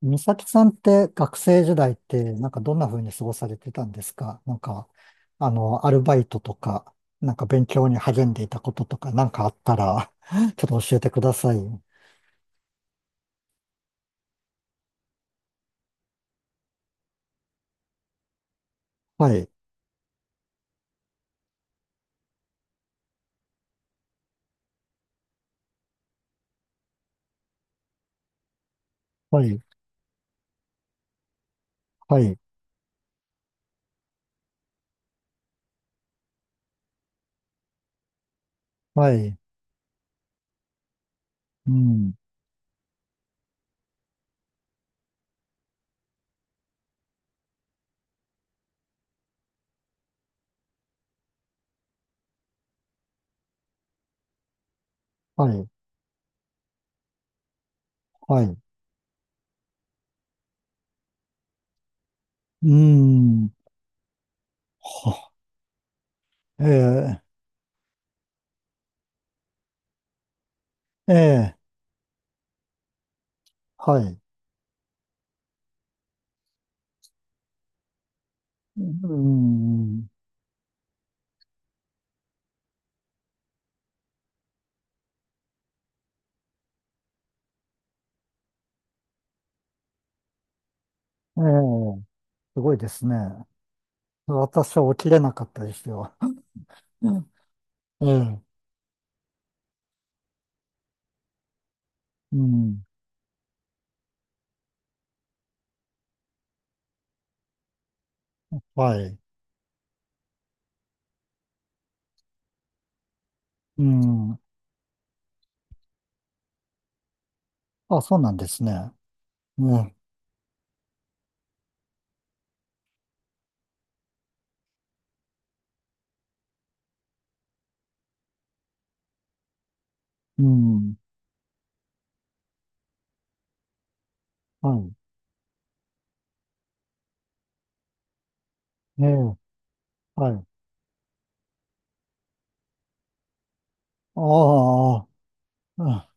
美咲さんって学生時代ってなんかどんな風に過ごされてたんですか？なんか、アルバイトとか、なんか勉強に励んでいたこととかなんかあったら ちょっと教えてください。はい。はい。はい。はい。うん。はい。はい。うん。はええ、ええ、はい、うん、ええ。すごいですね。私は起きれなかったですよ。うん。ええ、うん、はい、うん。あ、そうなんですね。ね、うん、はい。ええ、はい。ああ、う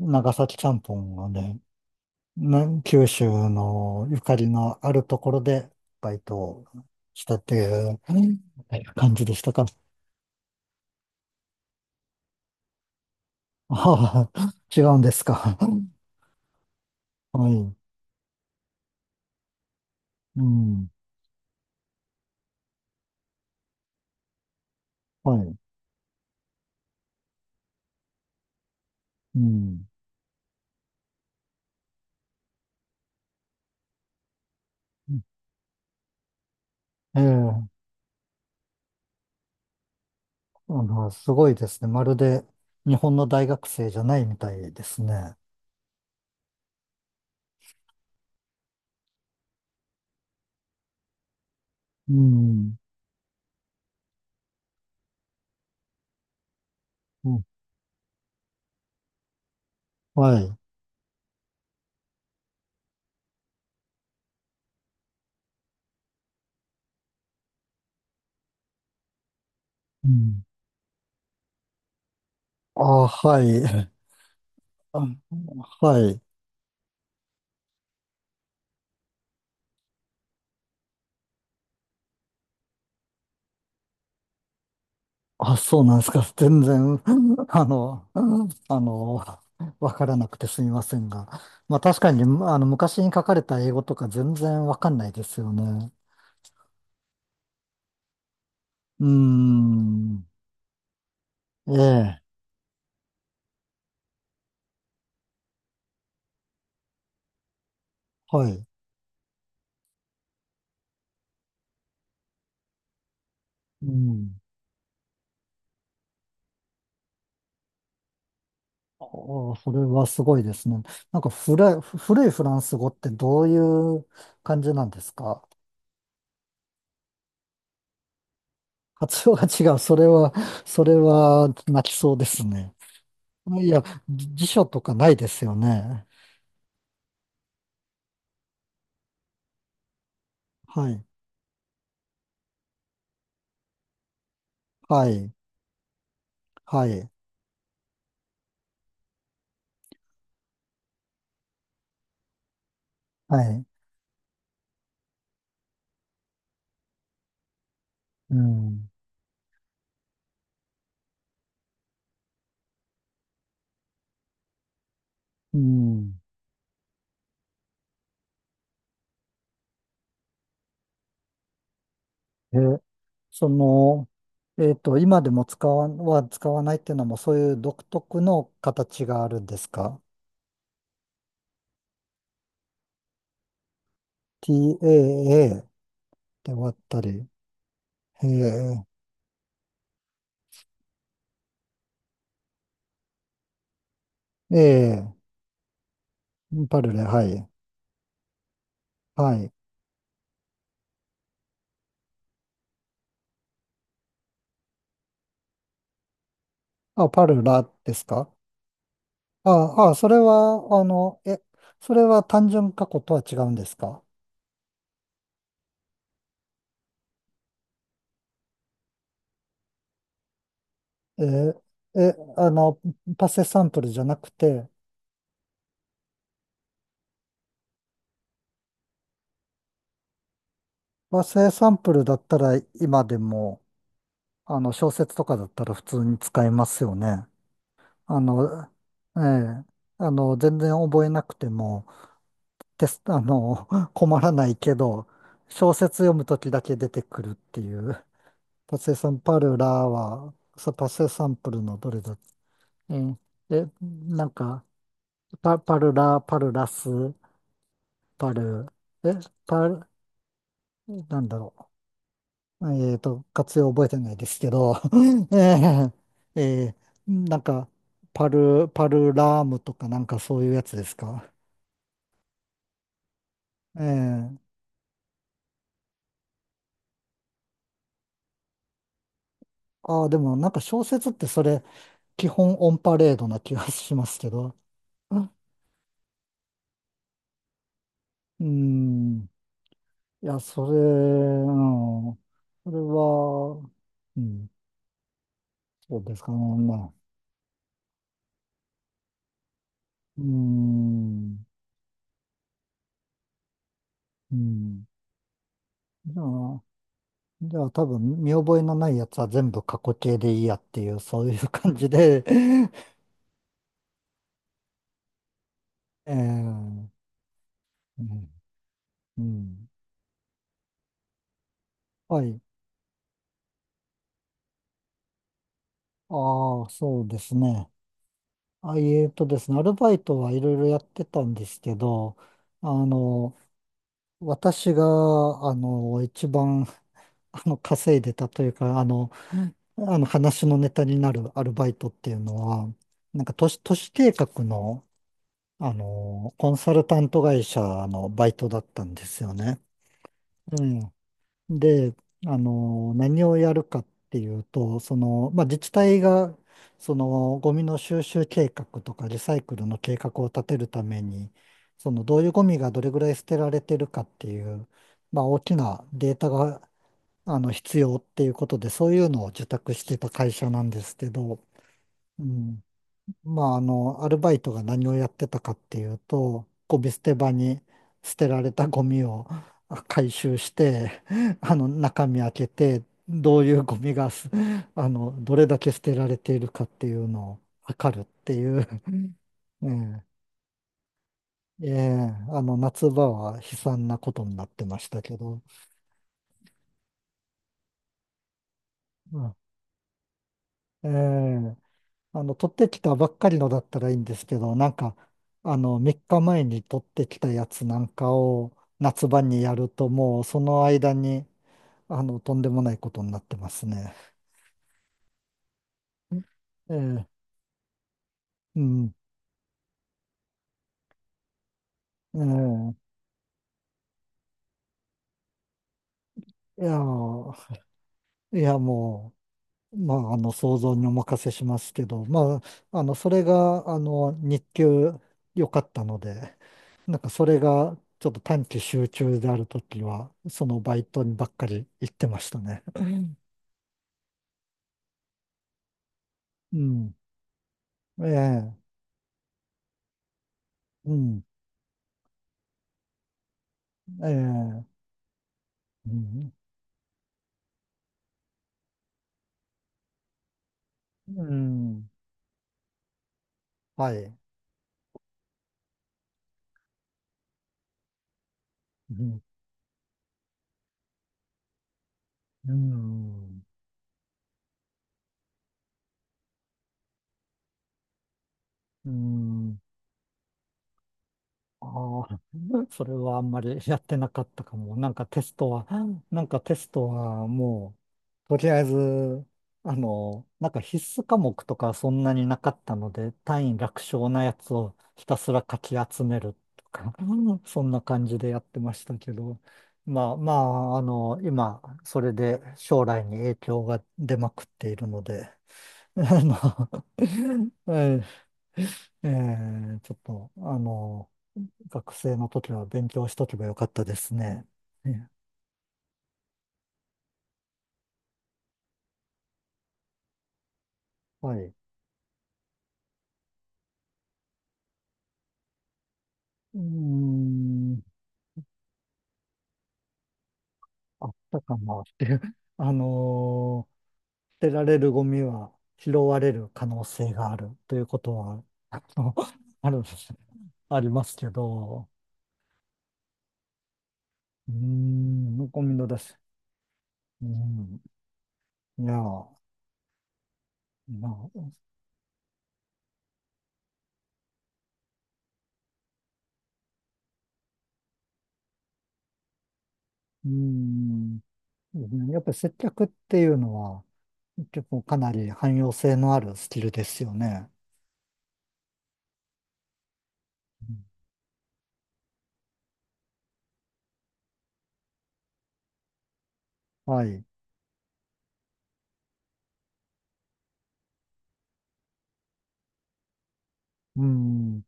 ん、長崎ちゃんぽんがね、な九州のゆかりのあるところでバイトをしたっていう感じでしたか？ああ、違うんですか？はい。うん、はい。うん。ええ、すごいですね。まるで日本の大学生じゃないみたいですね。うん、うん、はい。うん、あ、はい。あ、はい。あ、そうなんですか？全然、あの、あの、わからなくてすみませんが。まあ確かに、昔に書かれた英語とか全然わかんないですよね。うーん。ええ、はい。うん。ああ、それはすごいですね。なんか古い、古いフランス語ってどういう感じなんですか？発音が違う。それは泣きそうですね。いや、辞書とかないですよね。はい。はい。はい。はい。うん。うん。え、その、えっと、今でも使わないっていうのも、そういう独特の形があるんですか？ TAA ってわったり。ええ、ええ、パルレ、はい。はい。あ、パルラですか？ああ、それは、それは単純過去とは違うんですか？えーえ、パセサンプルじゃなくて、パセサンプルだったら今でも、あの、小説とかだったら普通に使えますよね。あの、ええ、全然覚えなくても、テスト、困らないけど、小説読むときだけ出てくるっていう。パセサンパルラは、そうパセサンプルのどれだ、ええ、でなんか、パルラ、パルラス、パル、え、パル、なんだろう。えっと、活用覚えてないですけど、えー、えなんか、パルラームとかなんかそういうやつですか。ええ、ああ、でもなんか小説ってそれ、基本オンパレードな気がしますけど。うん。いや、それ、うん。それは、うん、そうですかね。まあ、うん。うん。じゃあ、じゃあ多分見覚えのないやつは全部過去形でいいやっていう、そういう感じで。 えー、うん、うん。はい。ああ、そうですね。あ、えーとですね、アルバイトはいろいろやってたんですけど、あの、私が、一番、稼いでたというか、あの話のネタになるアルバイトっていうのは、なんか都市、都市計画のコンサルタント会社のバイトだったんですよね。うん。で、何をやるかっていうと、その、まあ、自治体が、その、ゴミの収集計画とかリサイクルの計画を立てるために、その、どういうゴミがどれぐらい捨てられてるかっていう、まあ、大きなデータが、必要っていうことで、そういうのを受託してた会社なんですけど、うん。まあ、アルバイトが何をやってたかっていうと、ゴミ捨て場に捨てられたゴミを あ回収して、中身開けて、どういうゴミがす、どれだけ捨てられているかっていうのを測るっていう、ね、えええ夏場は悲惨なことになってましたけど、うん、ええ、取ってきたばっかりのだったらいいんですけど、なんか、3日前に取ってきたやつなんかを夏場にやると、もうその間に、とんでもないことになってますね。ええ、うん、ええ、いやー、いや、もまあ、想像にお任せしますけど、まあ、それが、日給良かったので、なんかそれが、ちょっと短期集中であるときは、そのバイトにばっかり行ってましたね。うん。うん、ええ、うん、ええ、うん、うん、はい、うん、うん、うん。ああ、それはあんまりやってなかったかも。なんかテストは、なんかテストはもう、とりあえず、なんか必須科目とかそんなになかったので、単位楽勝なやつをひたすらかき集めるとか、そんな感じでやってましたけど、まあ、まあ、今、それで将来に影響が出まくっているので、あの、ええ、ええ、ちょっと、学生の時は勉強しとけばよかったですね。ね、はい。うーん、あったかなっていう。あのー、捨てられるゴミは拾われる可能性があるということは、あの、ある、ありますけど、うーん、ゴミの出し、うーん、いや、まあ、うーん、やっぱり接客っていうのは、結構かなり汎用性のあるスキルですよね。うん、はい。うーん。